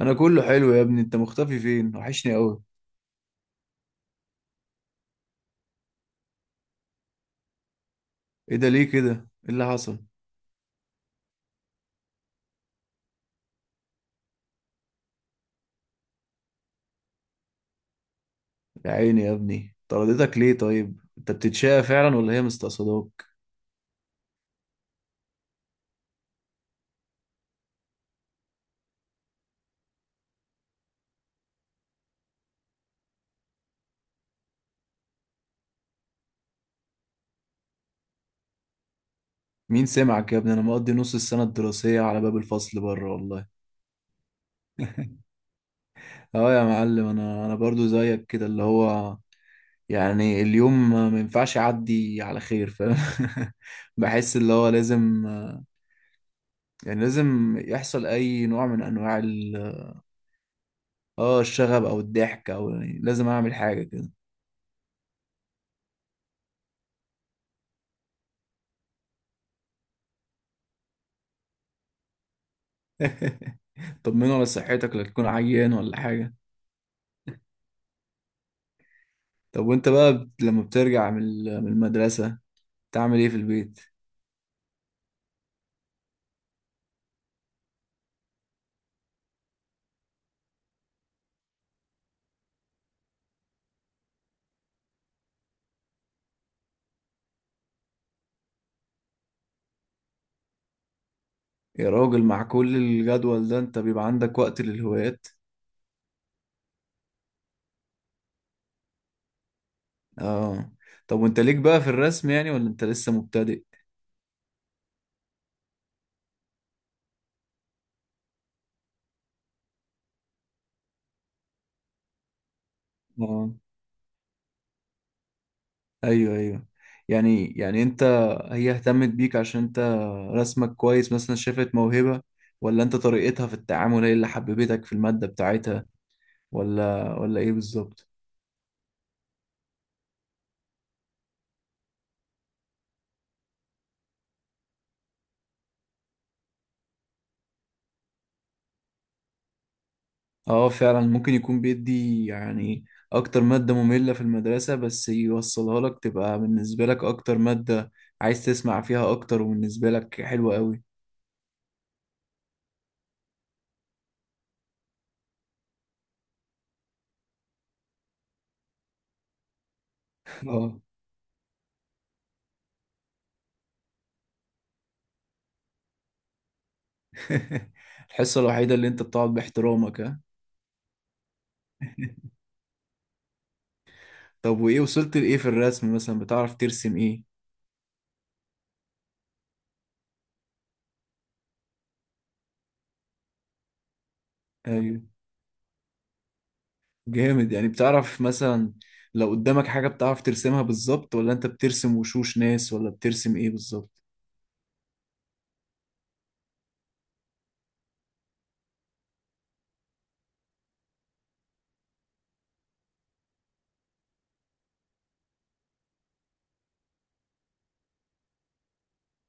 انا كله حلو يا ابني، انت مختفي فين؟ وحشني قوي. ايه ده؟ ليه كده؟ ايه اللي حصل؟ يا عيني يا ابني، طردتك ليه؟ طيب انت بتتشقى فعلا ولا هي مستقصداك؟ مين سمعك يا ابني، انا مقضي نص السنه الدراسيه على باب الفصل بره والله. اه يا معلم، انا برضو زيك كده، اللي هو يعني اليوم ما ينفعش يعدي على خير، فاهم. بحس اللي هو لازم، يعني لازم يحصل اي نوع من انواع ال- اه، الشغب او الضحك، او يعني لازم اعمل حاجه كده. طمنوا على صحتك، لا تكون عيان ولا حاجة. طب وانت بقى لما بترجع من المدرسة تعمل ايه في البيت؟ يا راجل، مع كل الجدول ده انت بيبقى عندك وقت للهوايات؟ اه. طب وانت ليك بقى في الرسم يعني، ولا انت لسه مبتدئ؟ اه، ايوه، ايوه. يعني انت، هي اهتمت بيك عشان انت رسمك كويس، مثلا شافت موهبة؟ ولا انت طريقتها في التعامل هي اللي حببتك في المادة بتاعتها؟ ولا ايه بالظبط؟ اه فعلا، ممكن يكون بيدي يعني اكتر مادة مملة في المدرسة، بس يوصلها لك تبقى بالنسبة لك اكتر مادة عايز تسمع فيها اكتر، وبالنسبة لك حلوة قوي. اه. الحصة الوحيدة اللي انت بتقعد باحترامك، ها؟ طب وايه وصلت لايه في الرسم؟ مثلا بتعرف ترسم ايه؟ ايوه، جامد. يعني بتعرف مثلا لو قدامك حاجة بتعرف ترسمها بالظبط، ولا انت بترسم وشوش ناس، ولا بترسم ايه بالظبط؟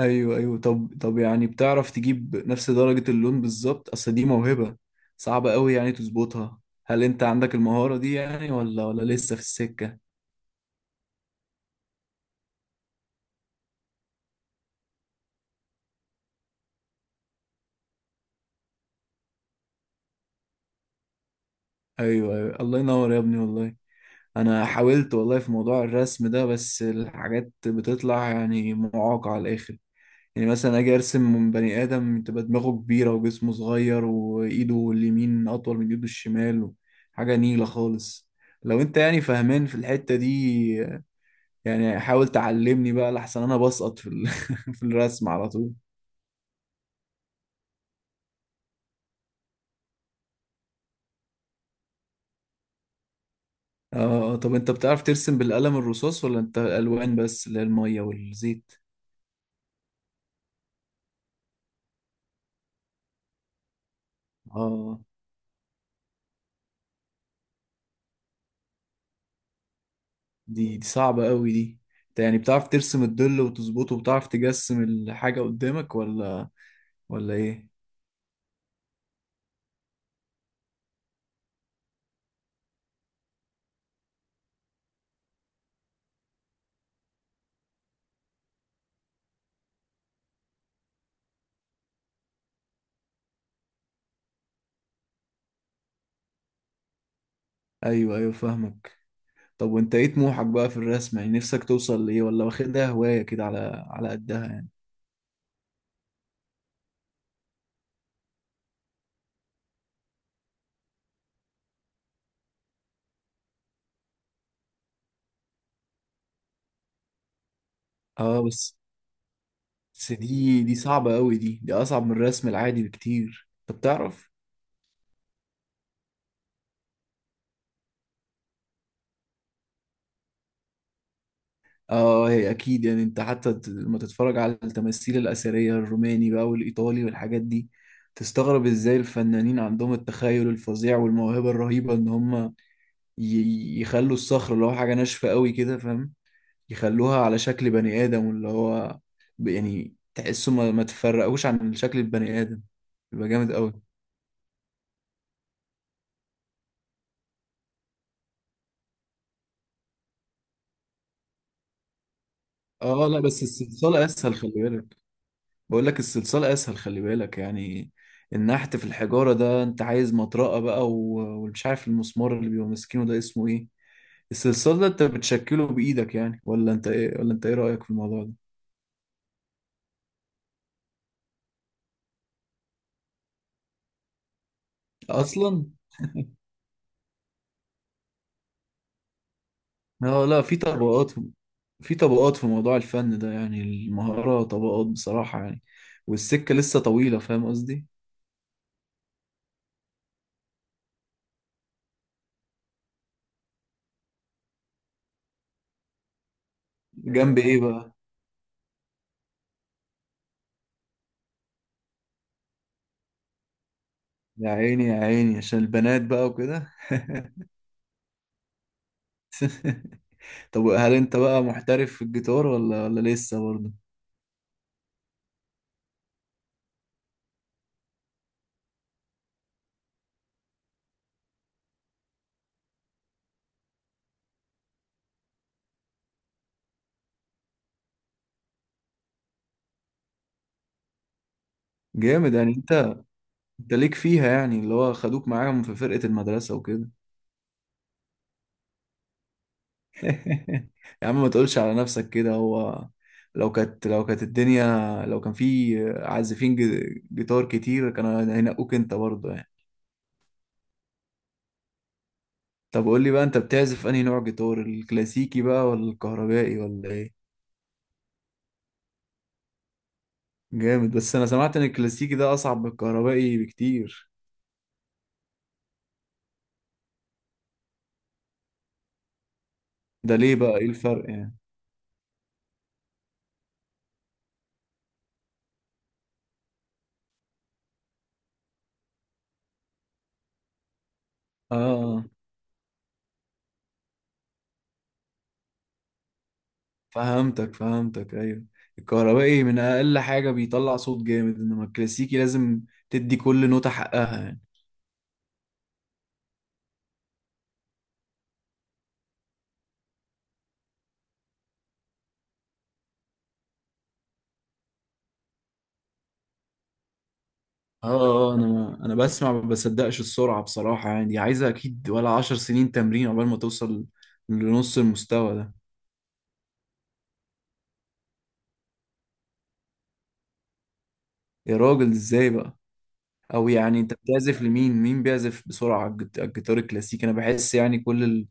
ايوه، ايوه. طب يعني بتعرف تجيب نفس درجة اللون بالظبط؟ اصل دي موهبة صعبة قوي يعني تظبطها. هل انت عندك المهارة دي يعني، ولا لسه في السكة؟ ايوه، ايوه، الله ينور يا ابني والله. انا حاولت والله في موضوع الرسم ده، بس الحاجات بتطلع يعني معاقة على الاخر. يعني مثلا اجي ارسم من بني ادم تبقى دماغه كبيرة وجسمه صغير، وايده اليمين اطول من ايده الشمال. حاجة نيلة خالص. لو انت يعني فاهمان في الحتة دي، يعني حاول تعلمني بقى لحسن انا بسقط في في الرسم على طول. اه، طب انت بتعرف ترسم بالقلم الرصاص، ولا انت الالوان بس اللي هي الميه والزيت؟ اه. دي صعبة قوي دي. انت يعني بتعرف ترسم الظل وتظبطه، وبتعرف تجسم الحاجة قدامك، ولا ايه؟ ايوه، ايوه، فاهمك. طب وانت ايه طموحك بقى في الرسم، يعني نفسك توصل لايه، ولا واخدها هواية كده على قدها؟ اه، بس دي صعبة قوي، دي اصعب من الرسم العادي بكتير. طب تعرف؟ اه، هي اكيد. يعني انت حتى لما تتفرج على التماثيل الاثريه الروماني بقى والايطالي والحاجات دي، تستغرب ازاي الفنانين عندهم التخيل الفظيع والموهبه الرهيبه، ان هم يخلوا الصخره اللي هو حاجه ناشفه قوي كده، فاهم؟ يخلوها على شكل بني ادم، واللي هو يعني تحسه ما تفرقوش عن شكل البني ادم. يبقى جامد قوي. اه، لا، بس الصلصال اسهل، خلي بالك. بقول لك الصلصال اسهل، خلي بالك يعني. النحت في الحجارة ده انت عايز مطرقة بقى، ومش عارف المسمار اللي بيبقى ماسكينه ده اسمه ايه. الصلصال ده انت بتشكله بايدك يعني، ولا انت ايه رأيك في الموضوع ده اصلا؟ اه، لا، في طبقات في موضوع الفن ده، يعني المهارة طبقات بصراحة يعني. والسكة لسه طويلة، فاهم قصدي؟ جنب ايه بقى؟ يا عيني يا عيني، عشان البنات بقى وكده. طب هل انت بقى محترف في الجيتار، ولا لسه برضه؟ جامد. يعني انت ليك فيها، يعني اللي هو خدوك معاهم في فرقة المدرسة وكده. يا عم، ما تقولش على نفسك كده. هو لو كانت الدنيا، لو كان في عازفين جيتار كتير، كانوا هينقوك انت برضه يعني. طب قول لي بقى، انت بتعزف انهي نوع جيتار، الكلاسيكي بقى ولا الكهربائي ولا ايه؟ جامد، بس انا سمعت ان الكلاسيكي ده اصعب من الكهربائي بكتير. ده ليه بقى؟ ايه الفرق يعني؟ اه، آه. فهمتك، فهمتك، ايوه. الكهربائي من اقل حاجه بيطلع صوت جامد، انما الكلاسيكي لازم تدي كل نوتة حقها يعني. اه، آه، انا بسمع ما بصدقش السرعه بصراحه، يعني دي عايزه اكيد ولا 10 سنين تمرين عقبال ما توصل لنص المستوى ده. يا راجل، ازاي بقى؟ او يعني انت بتعزف لمين؟ مين بيعزف بسرعه على على الجيتار الكلاسيكي؟ انا بحس يعني كل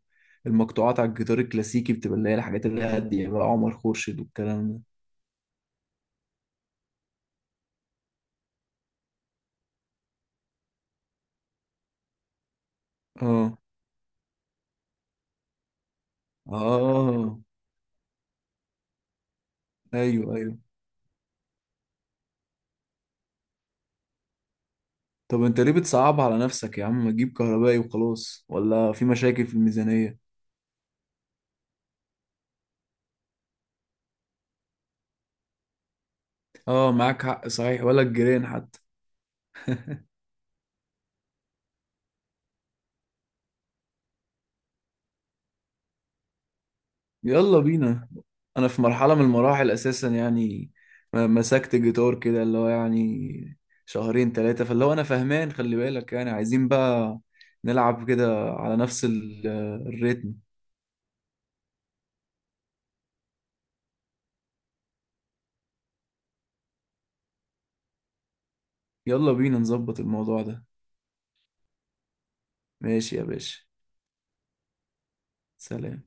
المقطوعات على الجيتار الكلاسيكي بتبقى اللي هي الحاجات اللي هاديه بقى، عمر خورشيد والكلام ده. اه، اه، آه، آه. ايوه، ايوه. طب انت ليه بتصعب على نفسك يا عم؟ ما تجيب كهربائي وخلاص، ولا في مشاكل في الميزانية؟ اه، معاك حق صحيح، ولا الجيران حتى. يلا بينا. انا في مرحلة من المراحل اساسا يعني، مسكت الجيتار كده اللي هو يعني شهرين 3، فاللي هو انا فهمان خلي بالك. يعني عايزين بقى نلعب كده على نفس الريتم. يلا بينا نظبط الموضوع ده. ماشي يا باشا. سلام.